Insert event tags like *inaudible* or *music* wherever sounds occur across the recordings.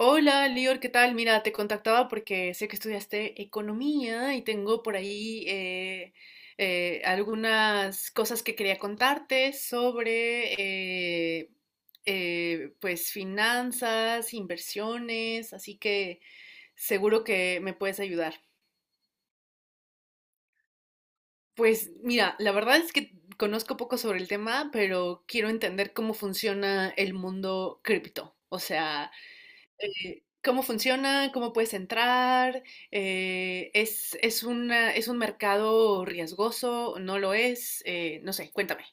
Hola, Lior, ¿qué tal? Mira, te contactaba porque sé que estudiaste economía y tengo por ahí algunas cosas que quería contarte sobre pues finanzas, inversiones, así que seguro que me puedes ayudar. Pues mira, la verdad es que conozco poco sobre el tema, pero quiero entender cómo funciona el mundo cripto. O sea, cómo funciona, cómo puedes entrar, es un mercado riesgoso, no lo es, no sé, cuéntame.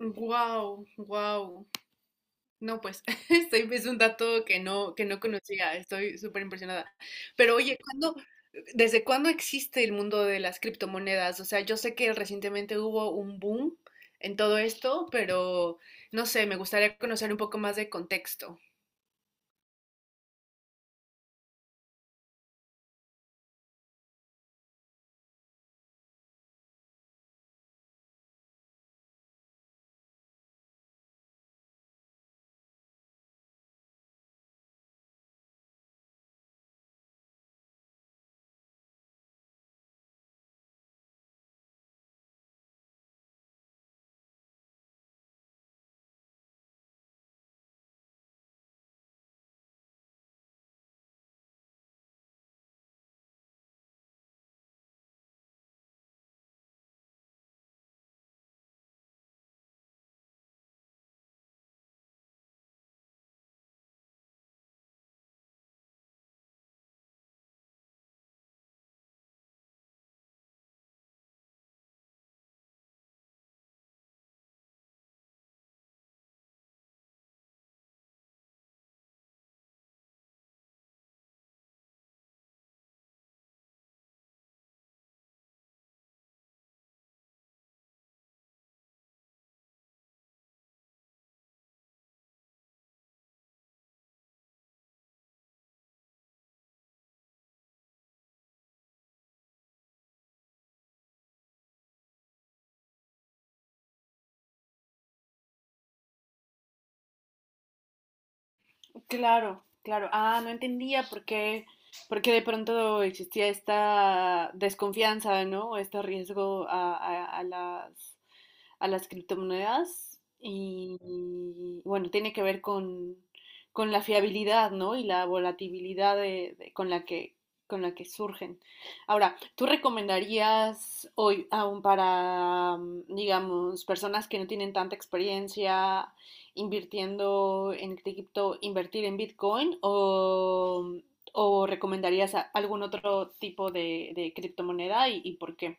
Wow, wow. No, pues *laughs* este es un dato que no conocía. Estoy súper impresionada. Pero oye, ¿cuándo, desde cuándo existe el mundo de las criptomonedas? O sea, yo sé que recientemente hubo un boom en todo esto, pero no sé, me gustaría conocer un poco más de contexto. Claro, claro. Ah, no entendía por qué de pronto existía esta desconfianza, ¿no? O este riesgo a, a las criptomonedas y bueno, tiene que ver con la fiabilidad, ¿no? Y la volatilidad con la que surgen. Ahora, ¿tú recomendarías hoy aún para, digamos, personas que no tienen tanta experiencia invirtiendo en cripto, invertir en Bitcoin o recomendarías algún otro tipo de criptomoneda y por qué?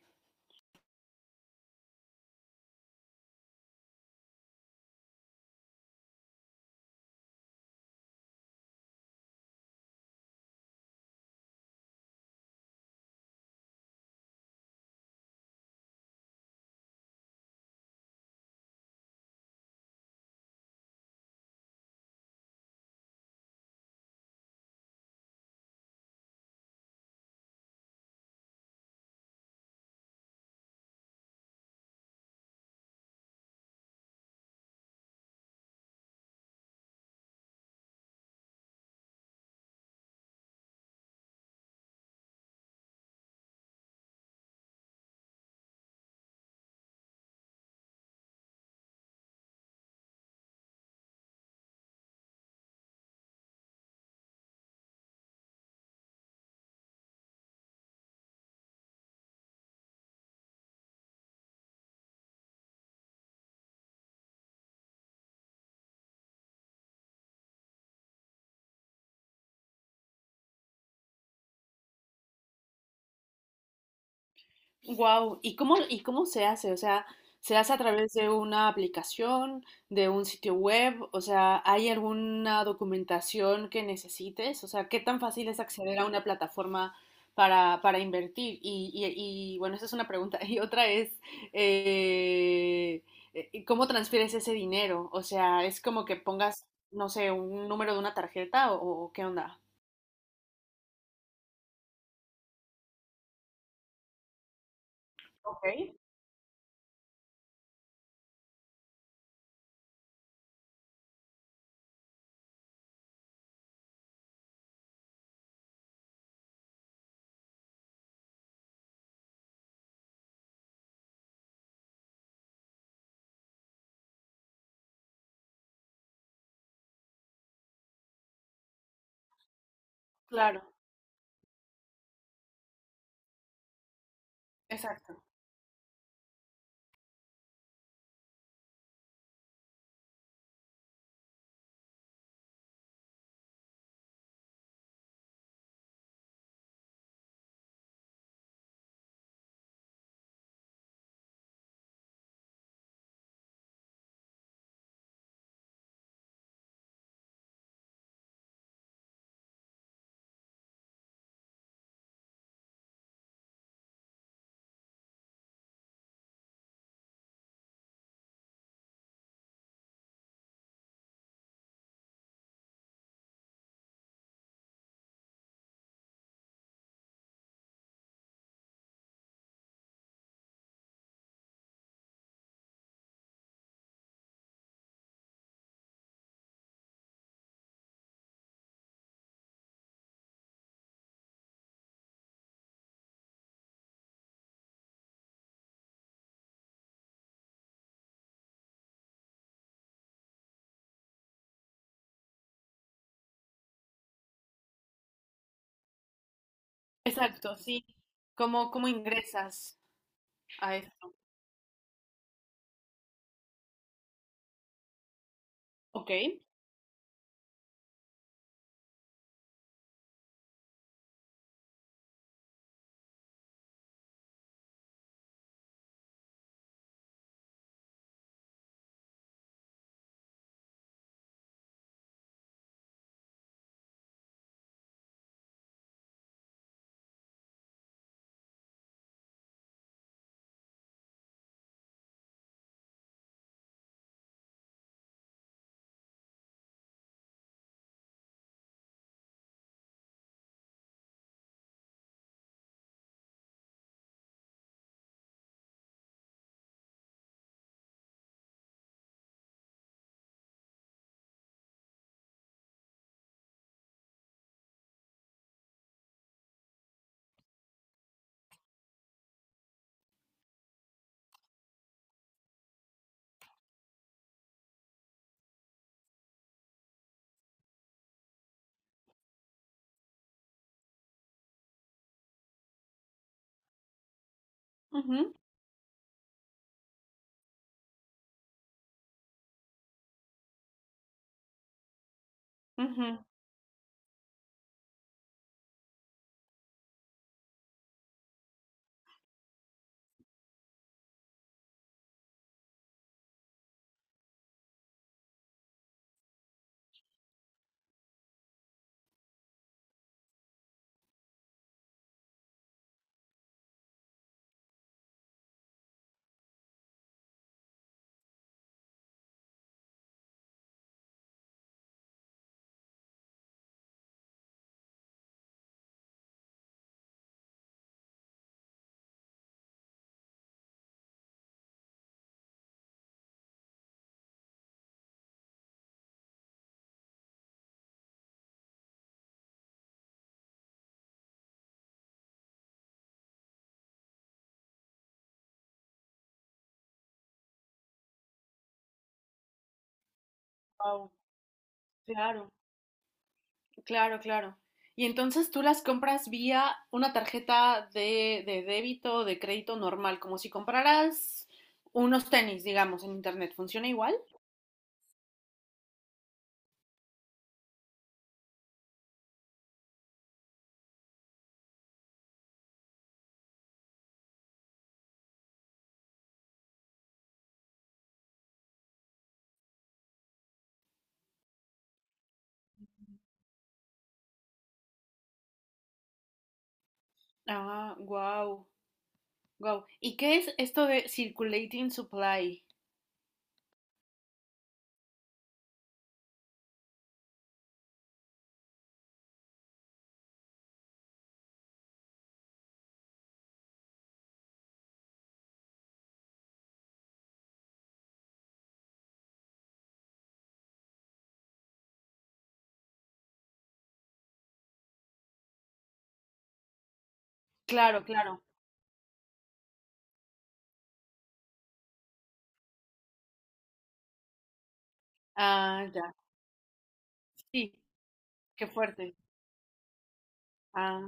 Wow, y cómo se hace? O sea, ¿se hace a través de una aplicación, de un sitio web? O sea, ¿hay alguna documentación que necesites? O sea, ¿qué tan fácil es acceder a una plataforma para invertir? Y, bueno, esa es una pregunta. *laughs* Y otra es, eh, ¿cómo transfieres ese dinero? O sea, ¿es como que pongas, no sé, un número de una tarjeta o qué onda? Ok. Claro, exacto. Exacto, sí. ¿Cómo, cómo ingresas? A esto. Ok. Ujú, ujú. Guau, claro, claro, claro. Y entonces tú las compras vía una tarjeta de débito o de crédito normal, como si compraras unos tenis, digamos, en internet. ¿Funciona igual? Ah, wow, wow. ¿Y qué es esto de circulating supply? Claro, claro. Ah, ya. Sí, qué fuerte. Ah,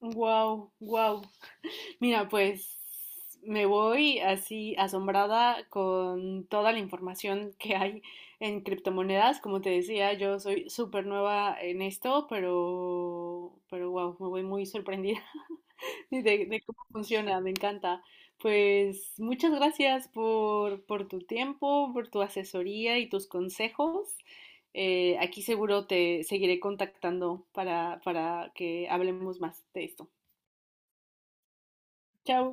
wow, wow. Mira, pues me voy así asombrada con toda la información que hay en criptomonedas. Como te decía, yo soy súper nueva en esto, pero wow, me voy muy sorprendida *laughs* de cómo funciona, me encanta. Pues muchas gracias por tu tiempo, por tu asesoría y tus consejos. Aquí seguro te seguiré contactando para que hablemos más de esto. Chao.